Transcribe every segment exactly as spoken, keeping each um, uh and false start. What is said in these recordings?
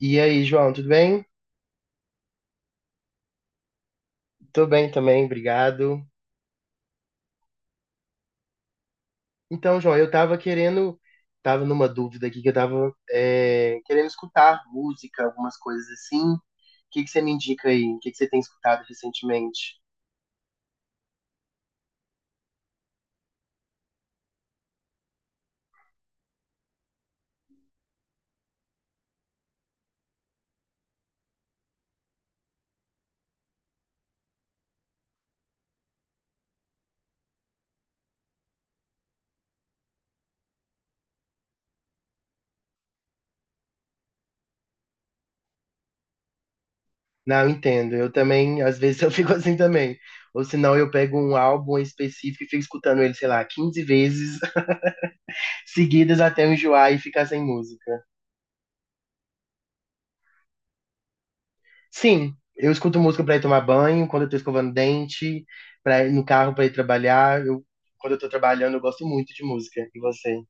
E aí, João, tudo bem? Tô bem também, obrigado. Então, João, eu tava querendo, tava numa dúvida aqui que eu tava é, querendo escutar música, algumas coisas assim. O que que você me indica aí? O que que você tem escutado recentemente? Não, eu entendo. Eu também, às vezes eu fico assim também. Ou senão eu pego um álbum específico e fico escutando ele, sei lá, quinze vezes seguidas até eu enjoar e ficar sem música. Sim, eu escuto música pra ir tomar banho, quando eu tô escovando dente, para ir no carro pra ir trabalhar. Eu, quando eu tô trabalhando, eu gosto muito de música. E você?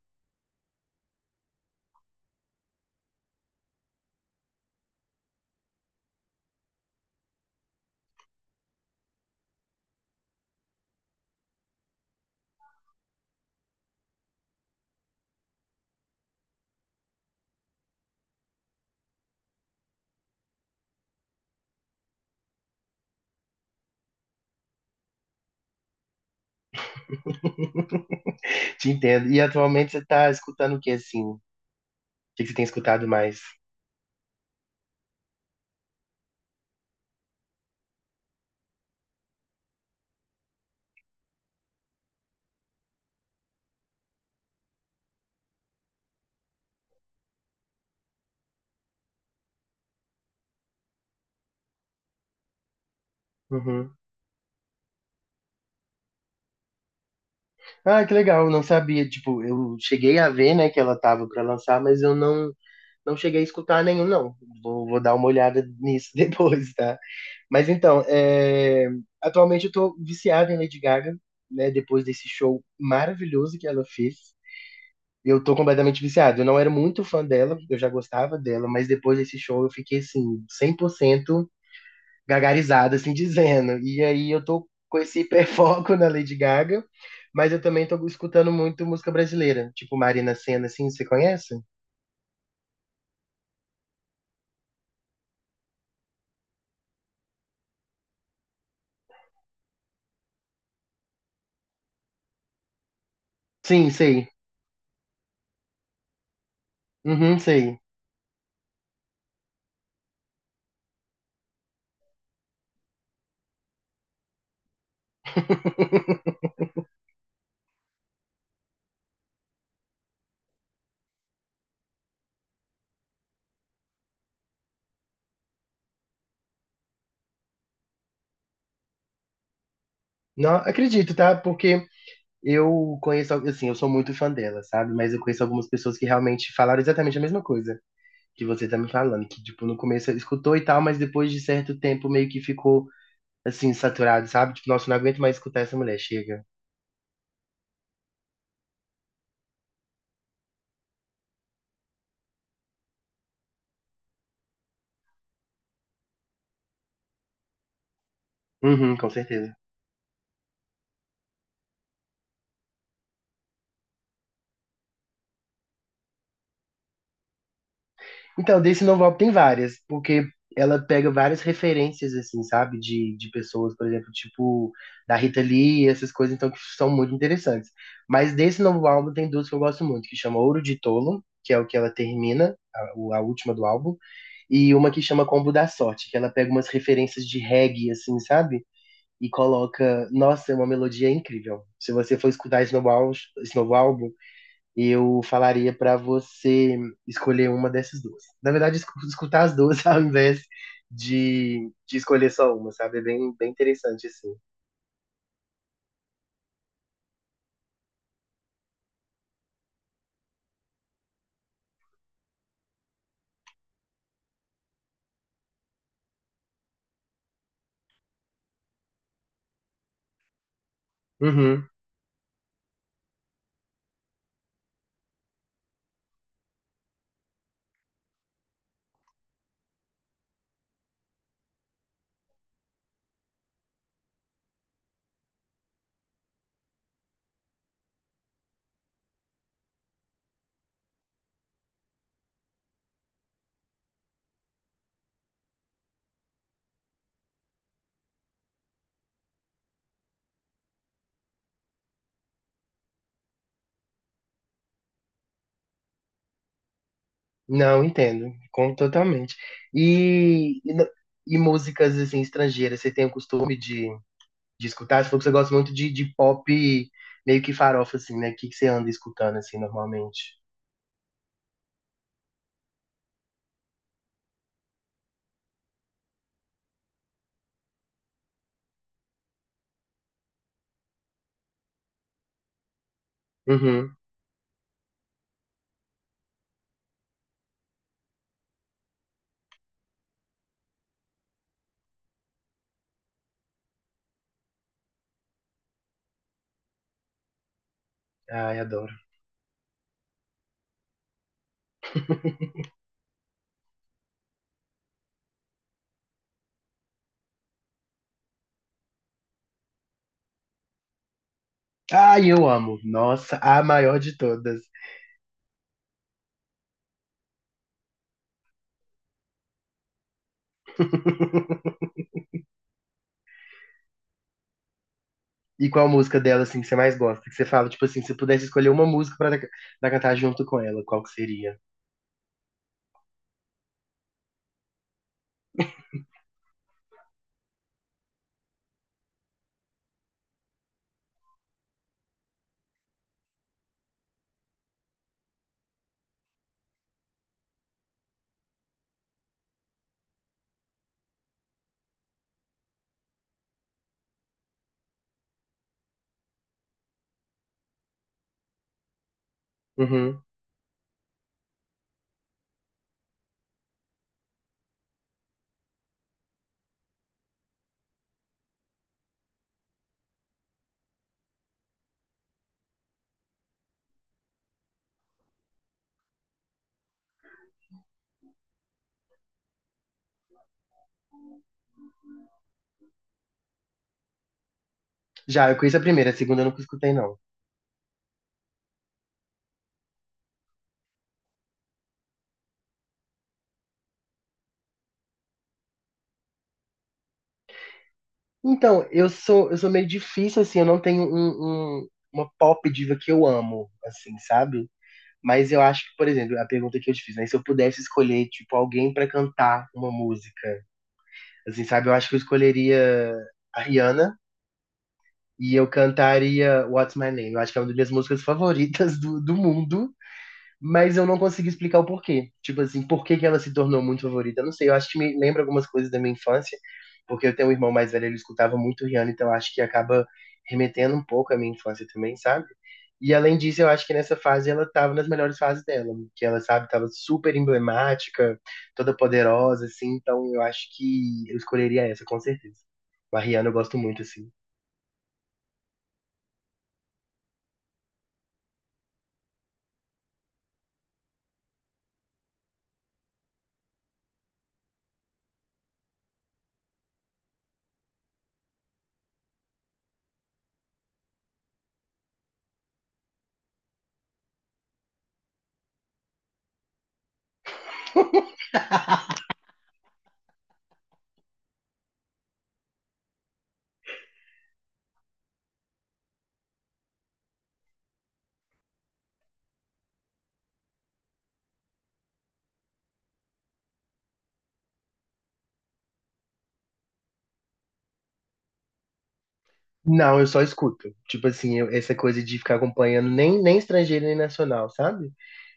Te entendo. E atualmente você tá escutando o que assim? O que que você tem escutado mais? Uhum. Ah, que legal, não sabia. Tipo, eu cheguei a ver, né, que ela tava pra lançar, mas eu não não cheguei a escutar nenhum, não. Vou, vou dar uma olhada nisso depois, tá? Mas então, é, atualmente eu tô viciado em Lady Gaga, né? Depois desse show maravilhoso que ela fez. Eu tô completamente viciado. Eu não era muito fã dela, eu já gostava dela, mas depois desse show eu fiquei assim, cem por cento gagarizado, assim dizendo. E aí eu tô com esse hiperfoco na Lady Gaga, mas eu também tô escutando muito música brasileira, tipo Marina Sena, assim, você conhece? Sim, sei. Uhum, sei. Não acredito, tá? Porque eu conheço, assim, eu sou muito fã dela, sabe? Mas eu conheço algumas pessoas que realmente falaram exatamente a mesma coisa que você tá me falando, que, tipo, no começo escutou e tal, mas depois de certo tempo meio que ficou, assim, saturado, sabe? Tipo, nossa, não aguento mais escutar essa mulher, chega. Uhum, com certeza. Então, desse novel tem várias, porque ela pega várias referências, assim, sabe? De, de pessoas, por exemplo, tipo da Rita Lee, essas coisas, então, que são muito interessantes. Mas desse novo álbum tem duas que eu gosto muito, que chama Ouro de Tolo, que é o que ela termina, a, o- a última do álbum, e uma que chama Combo da Sorte, que ela pega umas referências de reggae, assim, sabe? E coloca, nossa, é uma melodia incrível. Se você for escutar esse novo álbum, esse novo álbum, eu falaria para você escolher uma dessas duas. Na verdade, escu- escutar as duas ao invés de, de escolher só uma, sabe? É bem, bem interessante, assim. Uhum. Não, entendo. Como totalmente. E, e, no- e músicas, assim, estrangeiras, você tem o costume de, de escutar? Você falou que você gosta muito de, de pop meio que farofa, assim, né? O que, que você anda escutando, assim, normalmente? Uhum. Ai, adoro. Ai, eu amo. Nossa, a maior de todas. E qual música dela, assim, que você mais gosta? Que você fala, tipo assim, se pudesse escolher uma música pra, pra, cantar junto com ela, qual que seria? Uhum. Já, eu conheço a primeira, a segunda eu nunca escutei, não. Então, eu sou, eu sou meio difícil, assim, eu não tenho um, um- uma pop diva que eu amo, assim, sabe? Mas eu acho que, por exemplo, a pergunta que eu te fiz, né? Se eu pudesse escolher, tipo, alguém pra cantar uma música, assim, sabe? Eu acho que eu escolheria a Rihanna e eu cantaria What's My Name. Eu acho que é uma das minhas músicas favoritas do, do mundo. Mas eu não consegui explicar o porquê. Tipo assim, por que que ela se tornou muito favorita? Eu não sei, eu acho que me lembra algumas coisas da minha infância, porque eu tenho um irmão mais velho, ele escutava muito Rihanna, então eu acho que acaba remetendo um pouco à minha infância também, sabe? E além disso, eu acho que nessa fase ela tava nas melhores fases dela, que ela, sabe, tava super emblemática, toda poderosa, assim, então eu acho que eu escolheria essa, com certeza. A Rihanna eu gosto muito, assim. Não, eu só escuto. Tipo assim, eu- essa coisa de ficar acompanhando nem, nem estrangeiro nem nacional, sabe?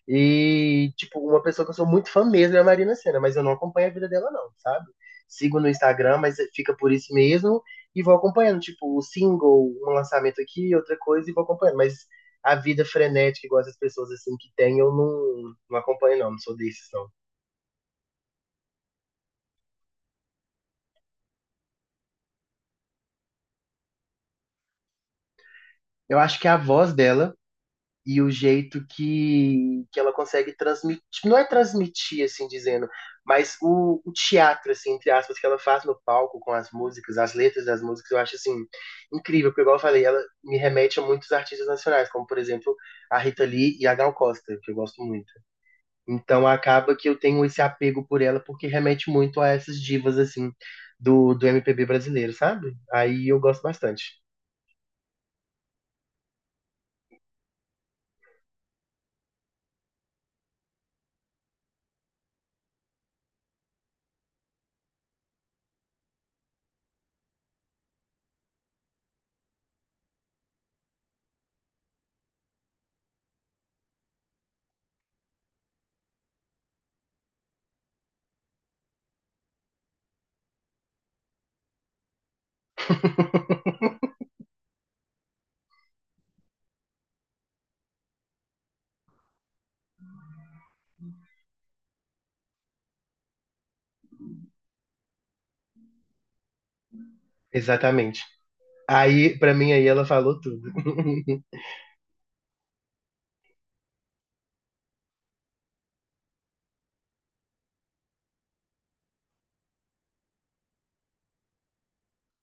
E, tipo, uma pessoa que eu sou muito fã mesmo é a Marina Sena, mas eu não acompanho a vida dela, não, sabe? Sigo no Instagram, mas fica por isso mesmo, e vou acompanhando, tipo, o single, um lançamento aqui, outra coisa, e vou acompanhando. Mas a vida frenética, igual essas pessoas assim que tem, eu não, não acompanho, não. Não sou desses, não. Eu acho que a voz dela e o jeito que, que ela consegue transmitir, tipo, não é transmitir, assim dizendo, mas o, o teatro, assim, entre aspas, que ela faz no palco com as músicas, as letras das músicas, eu acho, assim, incrível, porque, igual eu falei, ela me remete a muitos artistas nacionais, como, por exemplo, a Rita Lee e a Gal Costa, que eu gosto muito. Então, acaba que eu tenho esse apego por ela, porque remete muito a essas divas, assim, do, do M P B brasileiro, sabe? Aí eu gosto bastante. Exatamente. Aí, pra mim, aí ela falou tudo.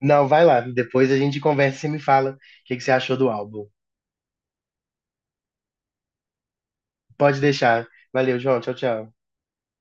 Não, vai lá. Depois a gente conversa e você me fala o que que você achou do álbum. Pode deixar. Valeu, João. Tchau, tchau.